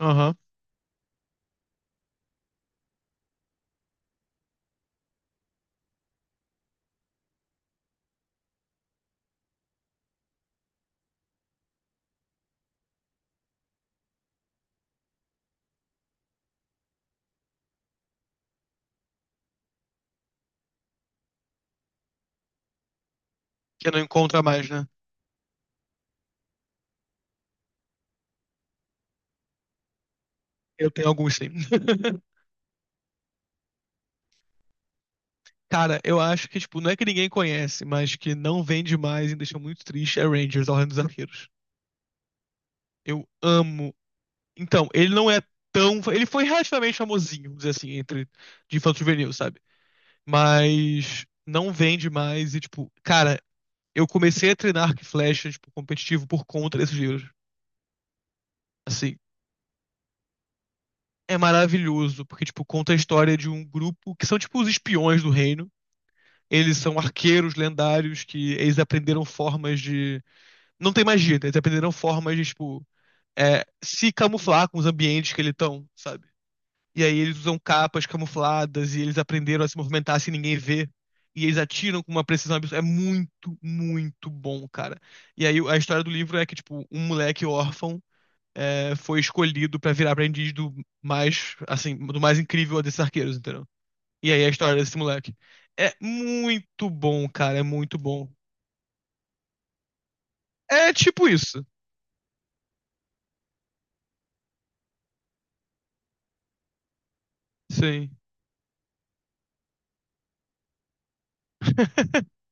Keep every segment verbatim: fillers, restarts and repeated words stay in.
Aham. Que não encontra mais, né? Eu tenho alguns sim. Cara, eu acho que, tipo, não é que ninguém conhece, mas que não vende mais e deixa muito triste é Rangers, a Ordem dos Arqueiros. Eu amo. Então, ele não é tão. Ele foi relativamente famosinho, vamos dizer assim, entre de infanto juvenil, sabe? Mas não vende mais e, tipo, cara, eu comecei a treinar arco e flecha, tipo, competitivo por conta desses livros. Assim, é maravilhoso, porque, tipo, conta a história de um grupo que são, tipo, os espiões do reino. Eles são arqueiros lendários que eles aprenderam formas de. Não tem magia, né? Eles aprenderam formas de, tipo, é, se camuflar com os ambientes que eles estão, sabe? E aí eles usam capas camufladas e eles aprenderam a se movimentar sem ninguém ver. E eles atiram com uma precisão absurda. É muito, muito bom, cara. E aí a história do livro é que, tipo, um moleque órfão é, foi escolhido pra virar aprendiz do mais, assim, do mais incrível desses arqueiros, entendeu? E aí a história desse moleque. É muito bom, cara, é muito bom. É tipo isso. Sim.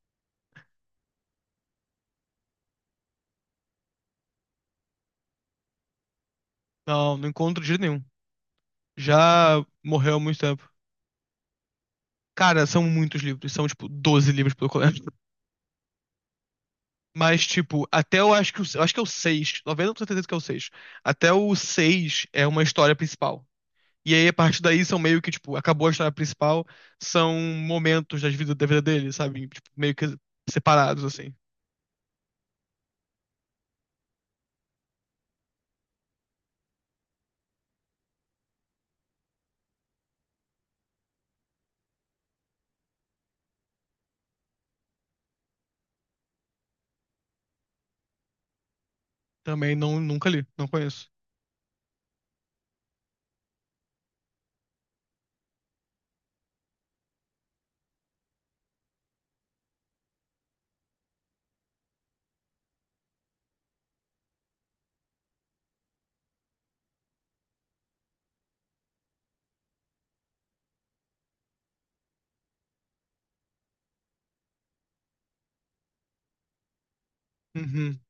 Não, não encontro de jeito nenhum. Já morreu há muito tempo. Cara, são muitos livros, são tipo doze livros pelo colégio. Mas tipo, até eu acho que o, eu acho que é o seis, noventa por cento certeza que é o seis. Até o seis é uma história principal. E aí a partir daí são meio que tipo, acabou a história principal, são momentos das vida, da vida dele, sabe? Tipo, meio que separados assim. Também não nunca li, não conheço. Uhum.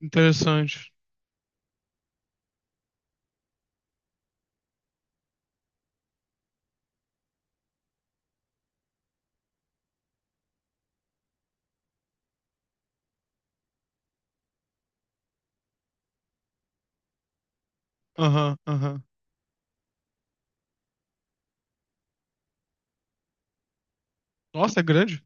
Interessante. Aham, aham. Nossa, é grande?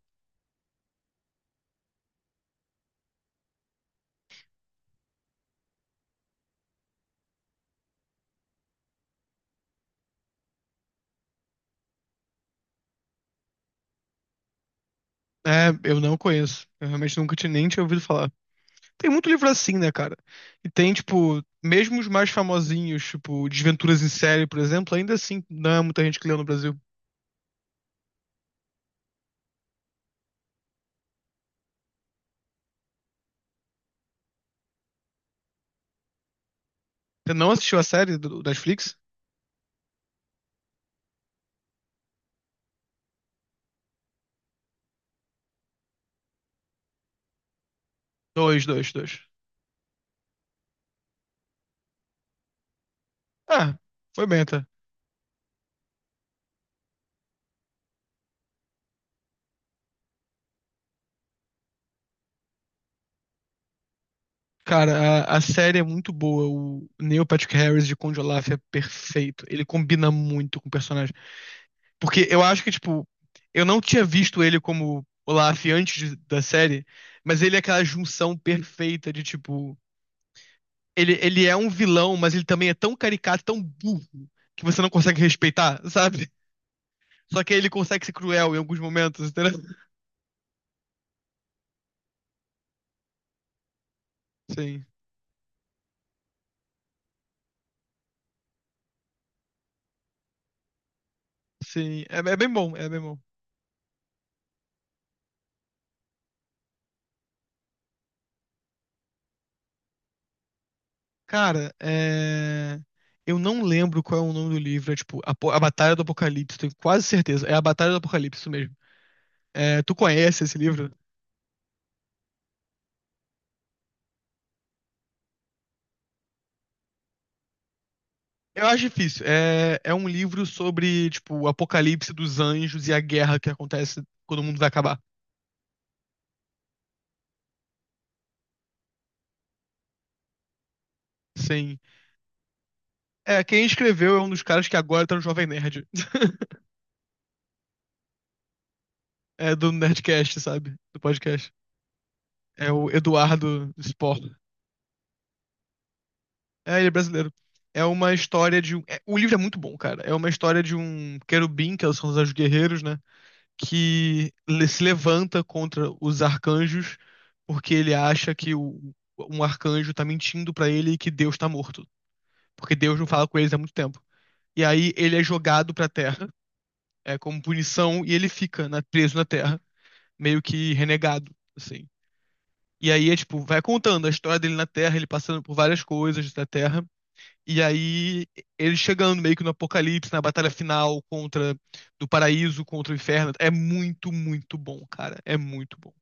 É, eu não conheço. Eu realmente nunca tinha, nem tinha ouvido falar. Tem muito livro assim, né, cara? E tem, tipo, mesmo os mais famosinhos, tipo, Desventuras em Série, por exemplo, ainda assim, não é muita gente que leu no Brasil. Você não assistiu a série do, da Netflix? Dois, dois, dois. Ah, foi bem até. Cara, a, a série é muito boa. O Neil Patrick Harris de Conde Olaf é perfeito. Ele combina muito com o personagem. Porque eu acho que, tipo, eu não tinha visto ele como Olaf antes de- da série, mas ele é aquela junção perfeita de, tipo, ele, ele é um vilão, mas ele também é tão caricato, tão burro, que você não consegue respeitar, sabe? Só que ele consegue ser cruel em alguns momentos, entendeu? Sim, sim. É, é bem bom, é bem bom. Cara, é... eu não lembro qual é o nome do livro, é tipo, A, Po- A Batalha do Apocalipse, tenho quase certeza. É A Batalha do Apocalipse, isso mesmo. É, tu conhece esse livro? Eu acho difícil. É, é um livro sobre, tipo, o apocalipse dos anjos e a guerra que acontece quando o mundo vai acabar. Sim. É, quem escreveu é um dos caras que agora tá no Jovem Nerd. É do Nerdcast, sabe? Do podcast. É o Eduardo Spor. É, ele é brasileiro. É uma história de um. É- o livro é muito bom, cara. É uma história de um querubim, que são os anjos guerreiros, né? Que le- se levanta contra os arcanjos porque ele acha que o, um arcanjo tá mentindo pra ele e que Deus tá morto. Porque Deus não fala com eles há muito tempo. E aí ele é jogado pra Terra, é como punição, e ele fica na- preso na Terra, meio que renegado, assim. E aí é tipo, vai contando a história dele na Terra, ele passando por várias coisas da Terra, e aí ele chegando meio que no apocalipse, na batalha final contra do paraíso contra o inferno. É muito, muito bom, cara. É muito bom.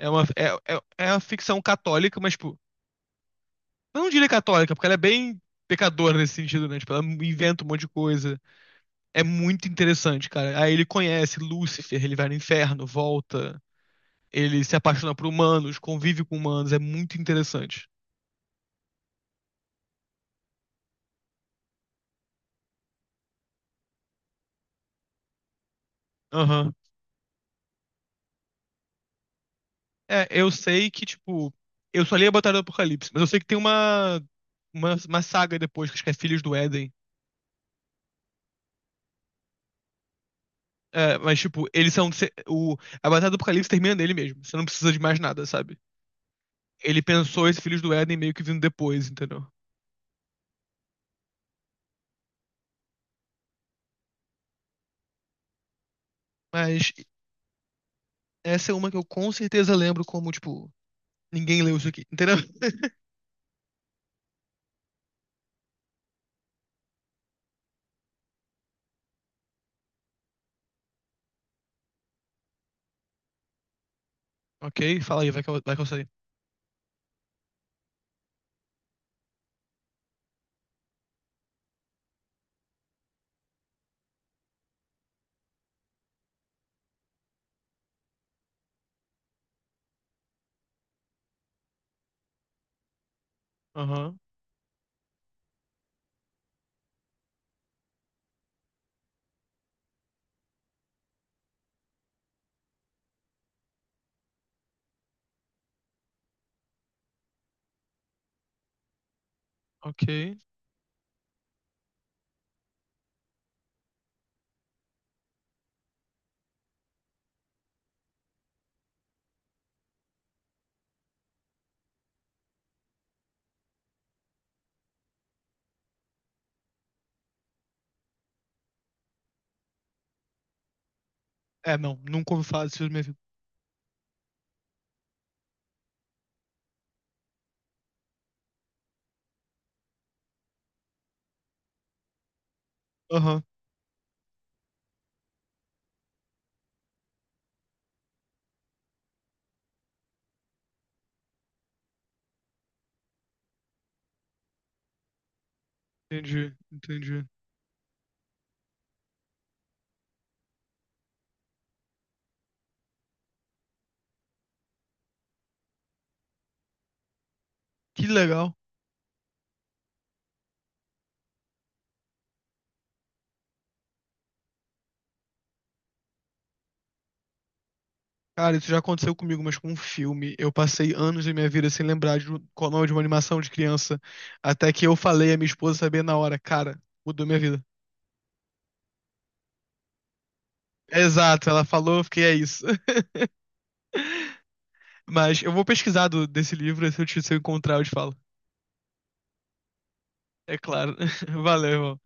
É uma, é, é, é uma ficção católica, mas, tipo, eu não diria católica, porque ela é bem pecadora nesse sentido, né? Tipo, ela inventa um monte de coisa. É muito interessante, cara. Aí ele conhece Lúcifer, ele vai no inferno, volta, ele se apaixona por humanos, convive com humanos, é muito interessante. Aham. É, eu sei que, tipo, eu só li a Batalha do Apocalipse, mas eu sei que tem uma, uma, uma saga depois, que acho que é Filhos do Éden. É, mas, tipo, eles são. se- O, a Batalha do Apocalipse termina nele mesmo. Você não precisa de mais nada, sabe? Ele pensou esse Filhos do Éden meio que vindo depois, entendeu? Mas essa é uma que eu com certeza lembro como, tipo, ninguém leu isso aqui, entendeu? Ok, fala aí, vai que eu, vai que eu sei. Aham, ok. É, não, nunca ouvi falar disso na minha vida. Aham, entendi, entendi. Que legal. Cara, isso já aconteceu comigo, mas com um filme. Eu passei anos da minha vida sem lembrar de um, qual o nome de uma animação de criança. Até que eu falei a minha esposa sabia na hora. Cara, mudou minha vida. Exato, ela falou, eu fiquei, é isso. Mas eu vou pesquisar do- desse livro, se eu, te- se eu encontrar, eu te falo. É claro. Valeu, irmão.